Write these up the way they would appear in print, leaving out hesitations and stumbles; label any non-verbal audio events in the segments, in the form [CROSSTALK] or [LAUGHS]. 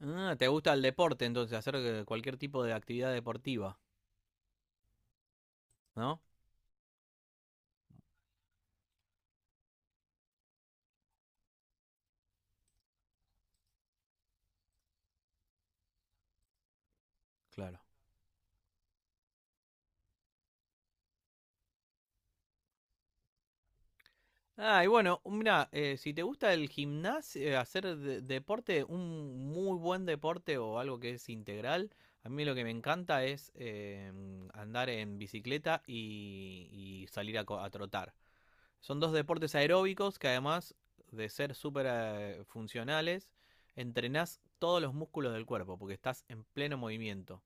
Ah, te gusta el deporte, entonces, hacer cualquier tipo de actividad deportiva, ¿no? Claro. Ah, y bueno, mira, si te gusta el gimnasio, hacer deporte, un muy buen deporte o algo que es integral, a mí lo que me encanta es andar en bicicleta y salir a, a trotar. Son dos deportes aeróbicos que además de ser súper funcionales, entrenás todos los músculos del cuerpo porque estás en pleno movimiento.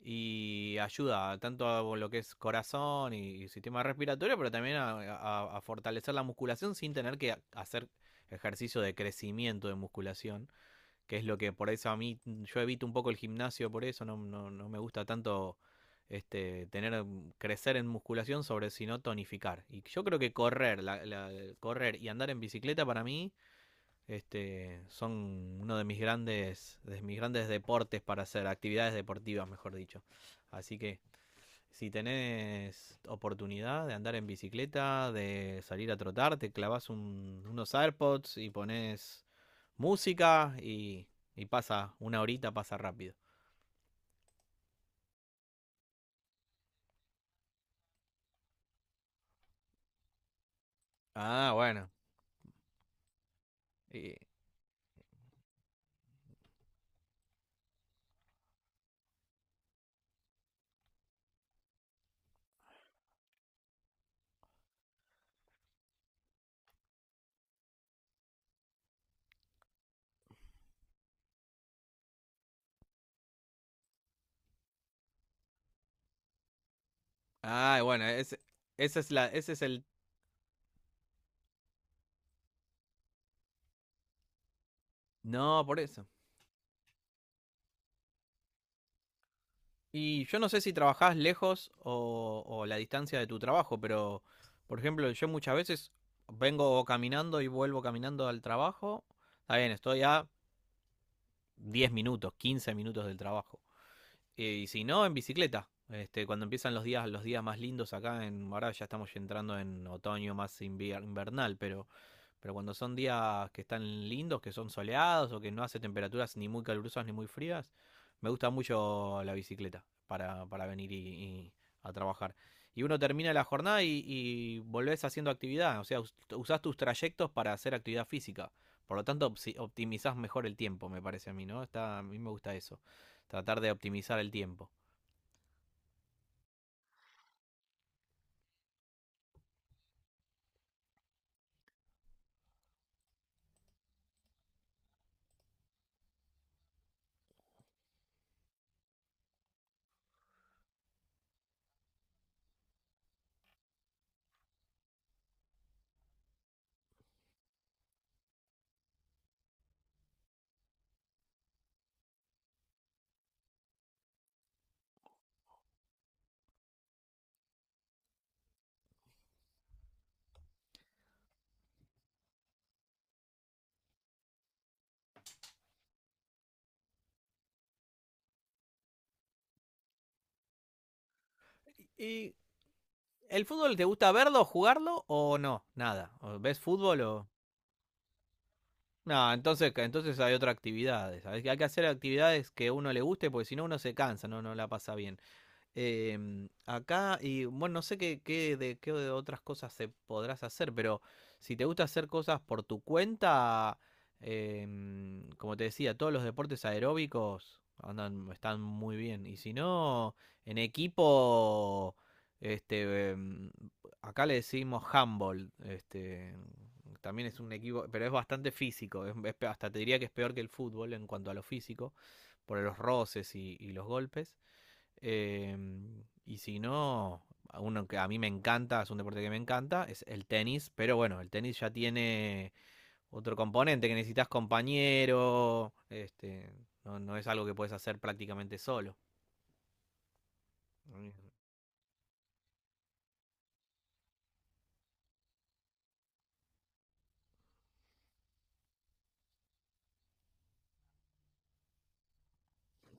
Y ayuda tanto a lo que es corazón y sistema respiratorio, pero también a, a fortalecer la musculación sin tener que hacer ejercicio de crecimiento de musculación, que es lo que por eso a mí yo evito un poco el gimnasio, por eso no, no, no me gusta tanto este, tener crecer en musculación sobre sino tonificar. Y yo creo que correr, correr y andar en bicicleta para mí este, son uno de mis grandes deportes para hacer, actividades deportivas, mejor dicho. Así que si tenés oportunidad de andar en bicicleta, de salir a trotar, te clavas un, unos AirPods y pones música y pasa, una horita pasa rápido. Ah, bueno. Y- ah, bueno, ese, esa es la, ese es el... No, por eso. Y yo no sé si trabajás lejos o la distancia de tu trabajo, pero por ejemplo, yo muchas veces vengo caminando y vuelvo caminando al trabajo. Está bien, estoy a 10 minutos, 15 minutos del trabajo. Y, si no, en bicicleta. Este, cuando empiezan los días más lindos acá en, ahora ya estamos entrando en otoño más invernal, pero cuando son días que están lindos, que son soleados o que no hace temperaturas ni muy calurosas ni muy frías, me gusta mucho la bicicleta para venir y a trabajar. Y uno termina la jornada y volvés haciendo actividad, o sea, usás tus trayectos para hacer actividad física. Por lo tanto, optimizás mejor el tiempo, me parece a mí, ¿no? Está, a mí me gusta eso, tratar de optimizar el tiempo. ¿Y el fútbol te gusta verlo, jugarlo o no? Nada. ¿O ves fútbol o...? No, entonces, entonces hay otras actividades. Hay que hacer actividades que a uno le guste, porque si no uno se cansa, no, no la pasa bien. Acá, y bueno, no sé qué, qué de otras cosas se podrás hacer, pero si te gusta hacer cosas por tu cuenta, como te decía, todos los deportes aeróbicos andan, están muy bien. Y si no, en equipo, este, acá le decimos handball, este, también es un equipo, pero es bastante físico, hasta te diría que es peor que el fútbol en cuanto a lo físico, por los roces y los golpes. Y si no, a uno que a mí me encanta, es un deporte que me encanta, es el tenis. Pero bueno, el tenis ya tiene otro componente que necesitas compañero. Este, no, no es algo que puedes hacer prácticamente solo.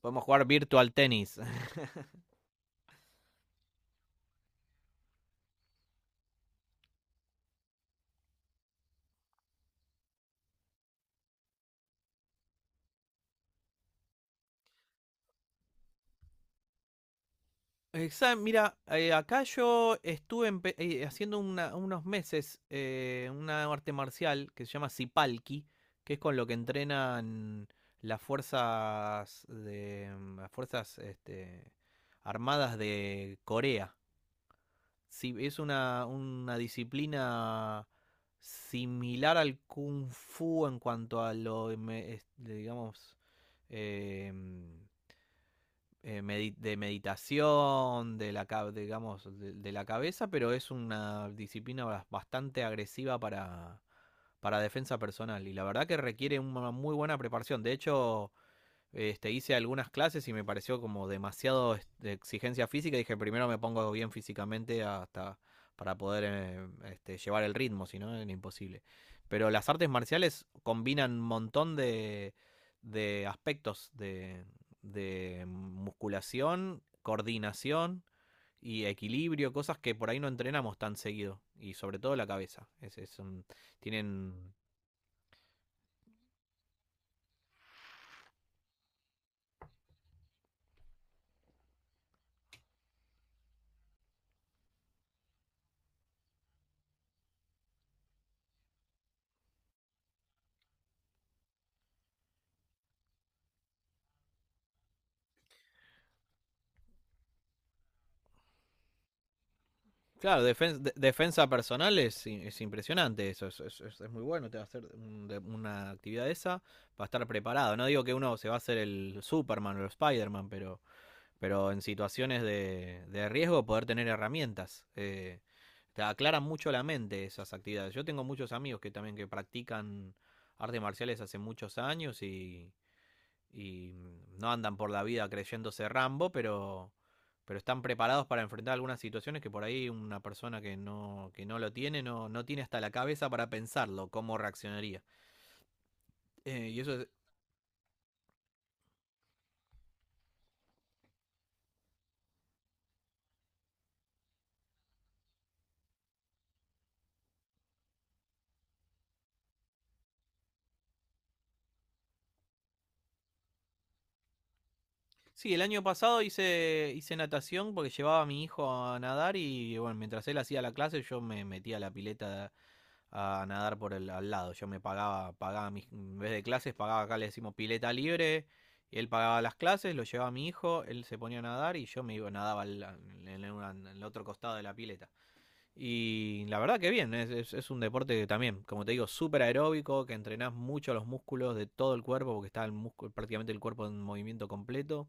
Podemos jugar virtual tenis. [LAUGHS] Mira, acá yo estuve haciendo unos meses una arte marcial que se llama Sipalki, que es con lo que entrenan las fuerzas de las fuerzas este, armadas de Corea. Sí, es una disciplina similar al Kung Fu en cuanto a lo, digamos, em, de meditación, de la, digamos, de la cabeza, pero es una disciplina bastante agresiva para defensa personal. Y la verdad que requiere una muy buena preparación. De hecho, este, hice algunas clases y me pareció como demasiado de exigencia física. Dije, primero me pongo bien físicamente hasta para poder este, llevar el ritmo, si no, era imposible. Pero las artes marciales combinan un montón de aspectos de musculación, coordinación y equilibrio, cosas que por ahí no entrenamos tan seguido. Y sobre todo la cabeza. Es, tienen claro, defensa personal es, es impresionante eso, es, es muy bueno, te va a hacer una actividad de esa para estar preparado. No digo que uno se va a hacer el Superman o el Spider-Man, pero en situaciones de riesgo poder tener herramientas. Te aclaran mucho la mente esas actividades. Yo tengo muchos amigos que también que practican artes marciales hace muchos años y no andan por la vida creyéndose Rambo, pero están preparados para enfrentar algunas situaciones que por ahí una persona que no lo tiene, no, no tiene hasta la cabeza para pensarlo, cómo reaccionaría. Y eso es, sí, el año pasado hice, hice natación porque llevaba a mi hijo a nadar y bueno, mientras él hacía la clase yo me metía a la pileta a nadar por el al lado. Yo me pagaba, pagaba mis, en vez de clases, pagaba acá le decimos pileta libre, y él pagaba las clases, lo llevaba a mi hijo, él se ponía a nadar y yo me iba, nadaba en, en el otro costado de la pileta. Y la verdad que bien, es, es un deporte que también, como te digo, súper aeróbico, que entrenás mucho los músculos de todo el cuerpo, porque está el músculo, prácticamente el cuerpo en movimiento completo.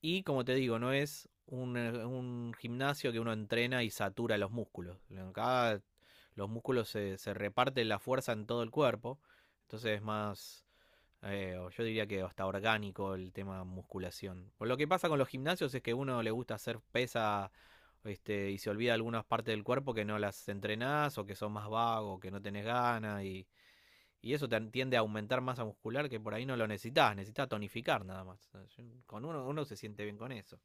Y como te digo, no es un gimnasio que uno entrena y satura los músculos. Acá los músculos se, se reparten la fuerza en todo el cuerpo. Entonces es más, yo diría que hasta orgánico el tema musculación. Por lo que pasa con los gimnasios es que a uno le gusta hacer pesa este, y se olvida algunas partes del cuerpo que no las entrenás o que son más vagos, que no tenés ganas y eso te tiende a aumentar masa muscular que por ahí no lo necesitas, necesitas tonificar nada más. Con uno, uno se siente bien con eso.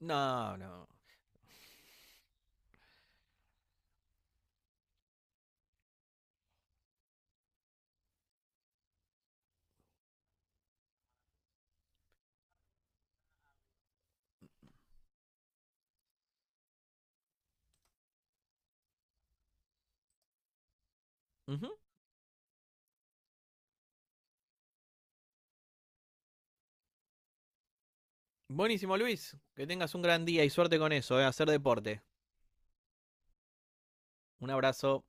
No, no. Ujú. Buenísimo, Luis. Que tengas un gran día y suerte con eso, hacer deporte. Un abrazo.